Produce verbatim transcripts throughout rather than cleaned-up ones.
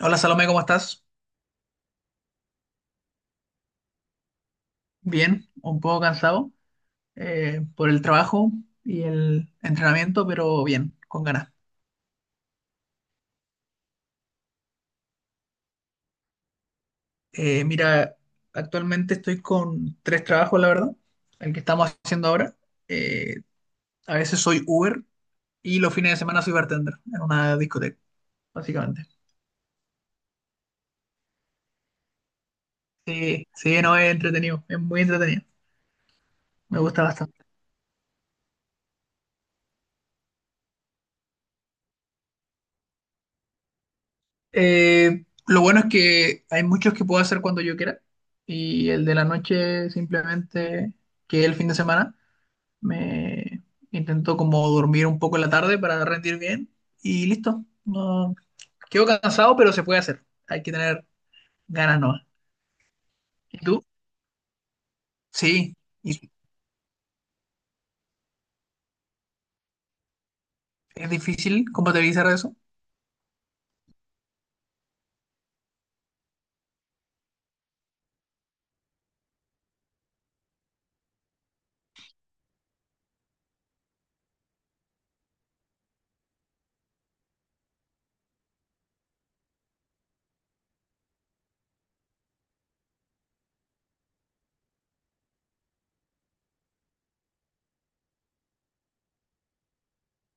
Hola Salomé, ¿cómo estás? Bien, un poco cansado eh, por el trabajo y el entrenamiento, pero bien, con ganas. Eh, mira, actualmente estoy con tres trabajos, la verdad, el que estamos haciendo ahora. Eh, a veces soy Uber y los fines de semana soy bartender en una discoteca, básicamente. Sí, sí, no es entretenido, es muy entretenido, me gusta bastante. Eh, lo bueno es que hay muchos que puedo hacer cuando yo quiera y el de la noche simplemente que es el fin de semana me intento como dormir un poco en la tarde para rendir bien y listo. No, quedo cansado, pero se puede hacer. Hay que tener ganas, ¿no? ¿Y tú? Sí. ¿Y es difícil compatibilizar eso?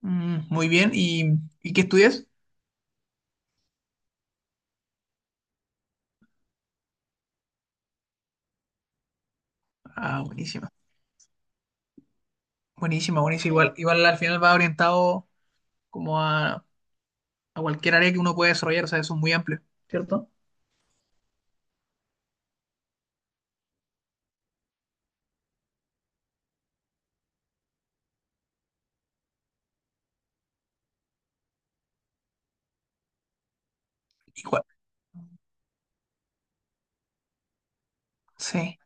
Mm, muy bien. ¿Y, y qué estudias? Ah, buenísima. Buenísima, buenísima. Igual, igual al final va orientado como a a cualquier área que uno pueda desarrollar, o sea, eso es muy amplio, ¿cierto? ¿Y cuál- sí.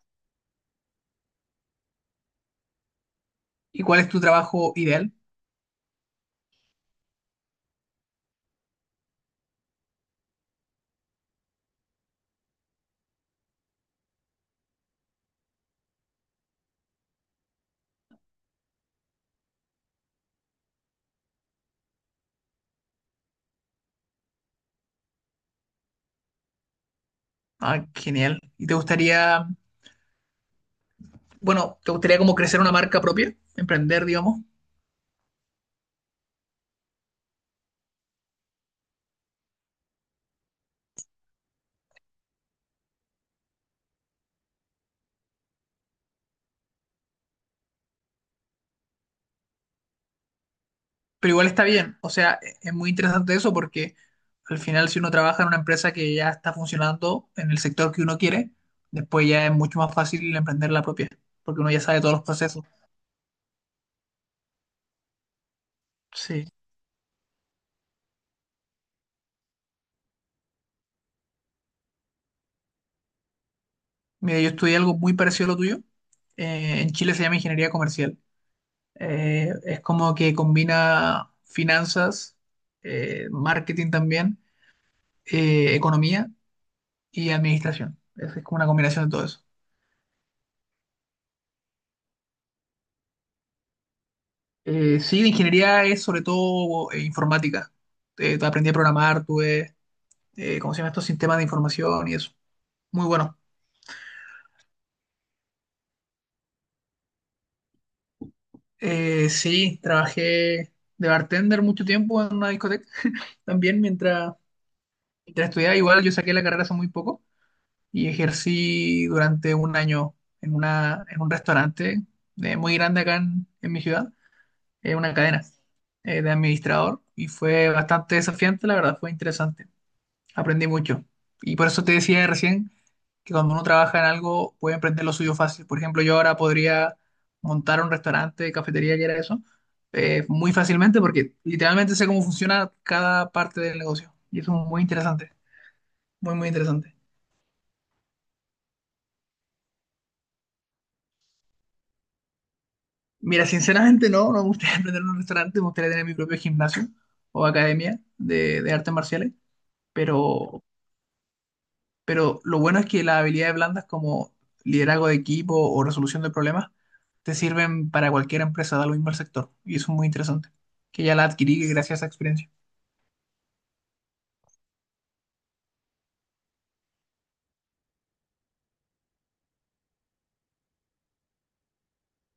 ¿Y cuál es tu trabajo ideal? Ah, genial. ¿Y te gustaría, bueno, te gustaría como crecer una marca propia, emprender, digamos? Pero igual está bien, o sea, e- es muy interesante eso porque al final si uno trabaja en una empresa que ya está funcionando en el sector que uno quiere, después ya es mucho más fácil emprender la propia, porque uno ya sabe todos los procesos. Sí. Mira, yo estudié algo muy parecido a lo tuyo. Eh, en Chile se llama ingeniería comercial. Eh, es como que combina finanzas, eh, marketing también, eh, economía y administración. Es, es como una combinación de todo eso. Eh, sí, la ingeniería es sobre todo eh, informática. Eh, aprendí a programar, tuve, eh, ¿cómo se llama estos sistemas de información y eso? Muy bueno. Eh, sí, trabajé de bartender mucho tiempo en una discoteca. También mientras, mientras estudiaba, igual yo saqué la carrera hace muy poco y ejercí durante un año en, una, en un restaurante de- muy grande acá en, en mi ciudad, eh, una cadena eh, de administrador y fue bastante desafiante, la verdad, fue interesante, aprendí mucho. Y por eso te decía recién que cuando uno trabaja en algo puede emprender lo suyo fácil. Por ejemplo, yo ahora podría montar un restaurante, cafetería, que era eso, eh, muy fácilmente porque literalmente sé cómo funciona cada parte del negocio y eso es muy interesante, muy, muy interesante. Mira, sinceramente no, no me gustaría emprender un restaurante, me gustaría tener mi propio gimnasio o academia de, de artes marciales, pero, pero lo bueno es que las habilidades blandas como liderazgo de equipo o resolución de problemas te sirven para cualquier empresa, da lo mismo el sector, y eso es muy interesante, que ya la adquirí gracias a esa experiencia.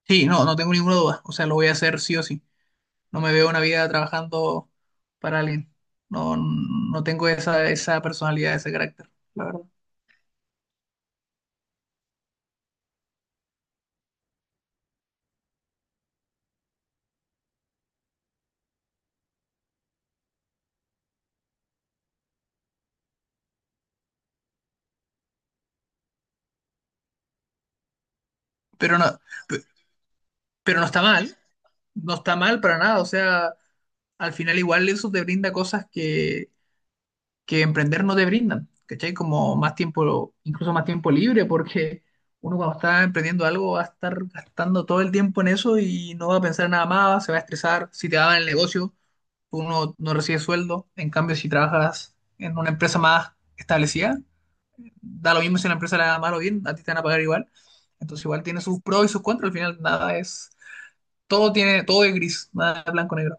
Sí, no, no tengo ninguna duda, o sea, lo voy a hacer sí o sí, no me veo una vida trabajando para alguien, no, no tengo esa, esa personalidad, ese carácter, la verdad. Pero no, pe- pero no está mal, no está mal para nada, o sea, al final igual eso te brinda cosas que, que emprender no te brindan, ¿cachai? Como más tiempo, incluso más tiempo libre, porque uno cuando está emprendiendo algo va a estar gastando todo el tiempo en eso y no va a pensar nada más, se va a estresar, si te daban el negocio, uno no recibe sueldo, en cambio si trabajas en una empresa más establecida, da lo mismo si la empresa la da mal o bien, a ti te van a pagar igual, entonces igual tiene sus pros y sus contras, al final nada es, todo tiene, todo es gris, nada es blanco o negro.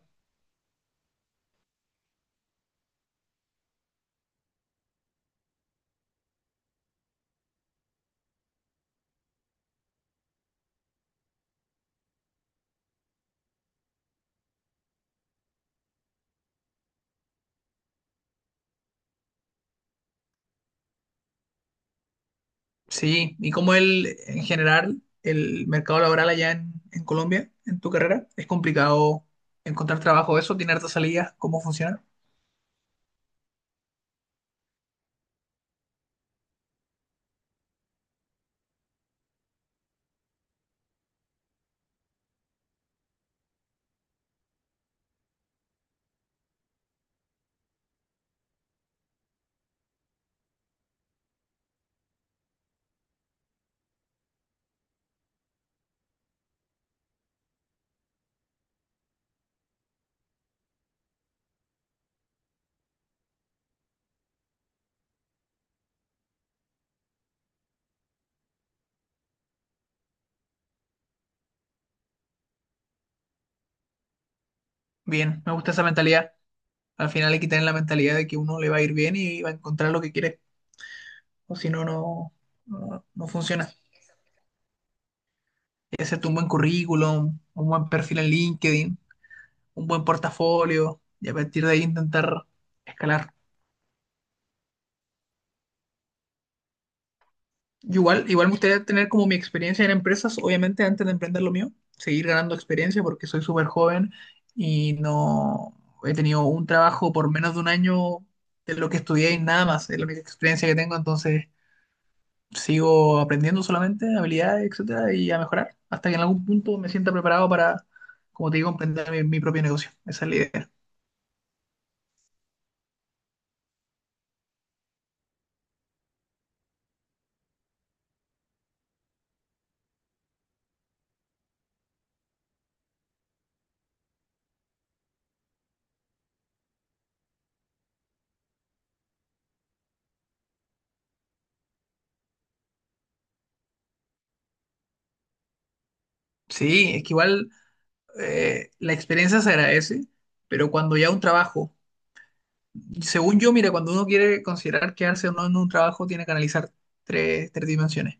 Sí, ¿y como el, en general, el mercado laboral allá en, en Colombia, en tu carrera? ¿Es complicado encontrar trabajo eso? ¿Tiene hartas salidas? ¿Cómo funciona? Bien, me gusta esa mentalidad. Al final hay que tener la mentalidad de que uno le va a ir bien y va a encontrar lo que quiere. O si no, no, no, no funciona. Hay que hacerte un buen currículum, un buen perfil en LinkedIn, un buen portafolio y a partir de ahí intentar escalar. Yo igual, igual me gustaría tener como mi experiencia en empresas, obviamente antes de emprender lo mío, seguir ganando experiencia porque soy súper joven y no he tenido un trabajo por menos de un año de lo que estudié y nada más, es la única experiencia que tengo, entonces sigo aprendiendo solamente habilidades, etcétera, y a mejorar hasta que en algún punto me sienta preparado para, como te digo, emprender mi, mi propio negocio. Esa es la idea. Sí, es que igual eh, la experiencia se agradece, pero cuando ya un trabajo según yo, mira, cuando uno quiere considerar quedarse o no en un trabajo, tiene que analizar tres, tres dimensiones.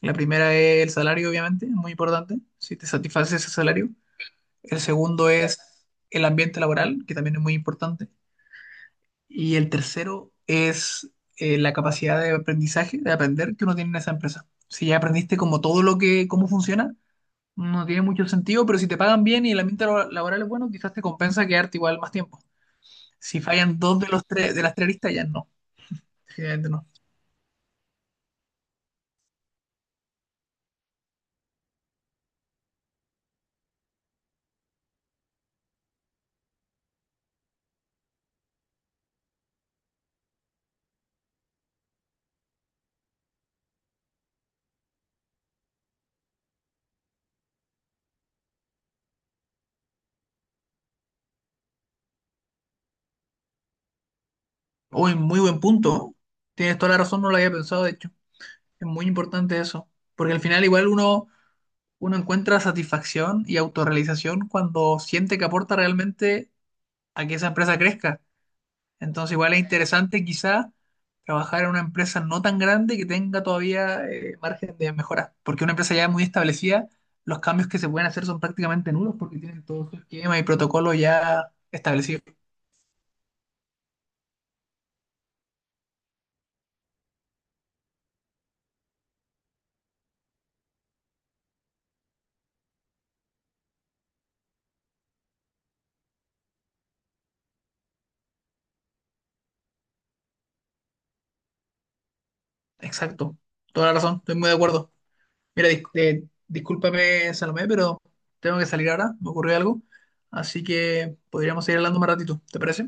La primera es el salario, obviamente, muy importante, si te satisface ese salario. El segundo es el ambiente laboral, que también es muy importante. Y el tercero es eh, la capacidad de aprendizaje, de aprender que uno tiene en esa empresa. Si ya aprendiste como todo lo que, cómo funciona, no tiene mucho sentido, pero si te pagan bien y el ambiente labo- laboral es bueno, quizás te compensa quedarte igual más tiempo. Si fallan dos de los tres, de las tres listas, ya no. Uy, muy buen punto. Tienes toda la razón, no lo había pensado, de hecho. Es muy importante eso. Porque al final igual uno, uno encuentra satisfacción y autorrealización cuando siente que aporta realmente a que esa empresa crezca. Entonces igual es interesante quizá trabajar en una empresa no tan grande que tenga todavía eh, margen de mejora. Porque una empresa ya muy establecida, los cambios que se pueden hacer son prácticamente nulos porque tienen todo su esquema y protocolo ya establecido. Exacto. Toda la razón, estoy muy de acuerdo. Mira, dis- eh, discúlpame, Salomé, pero tengo que salir ahora, me ocurrió algo, así que podríamos seguir hablando más ratito, ¿te parece?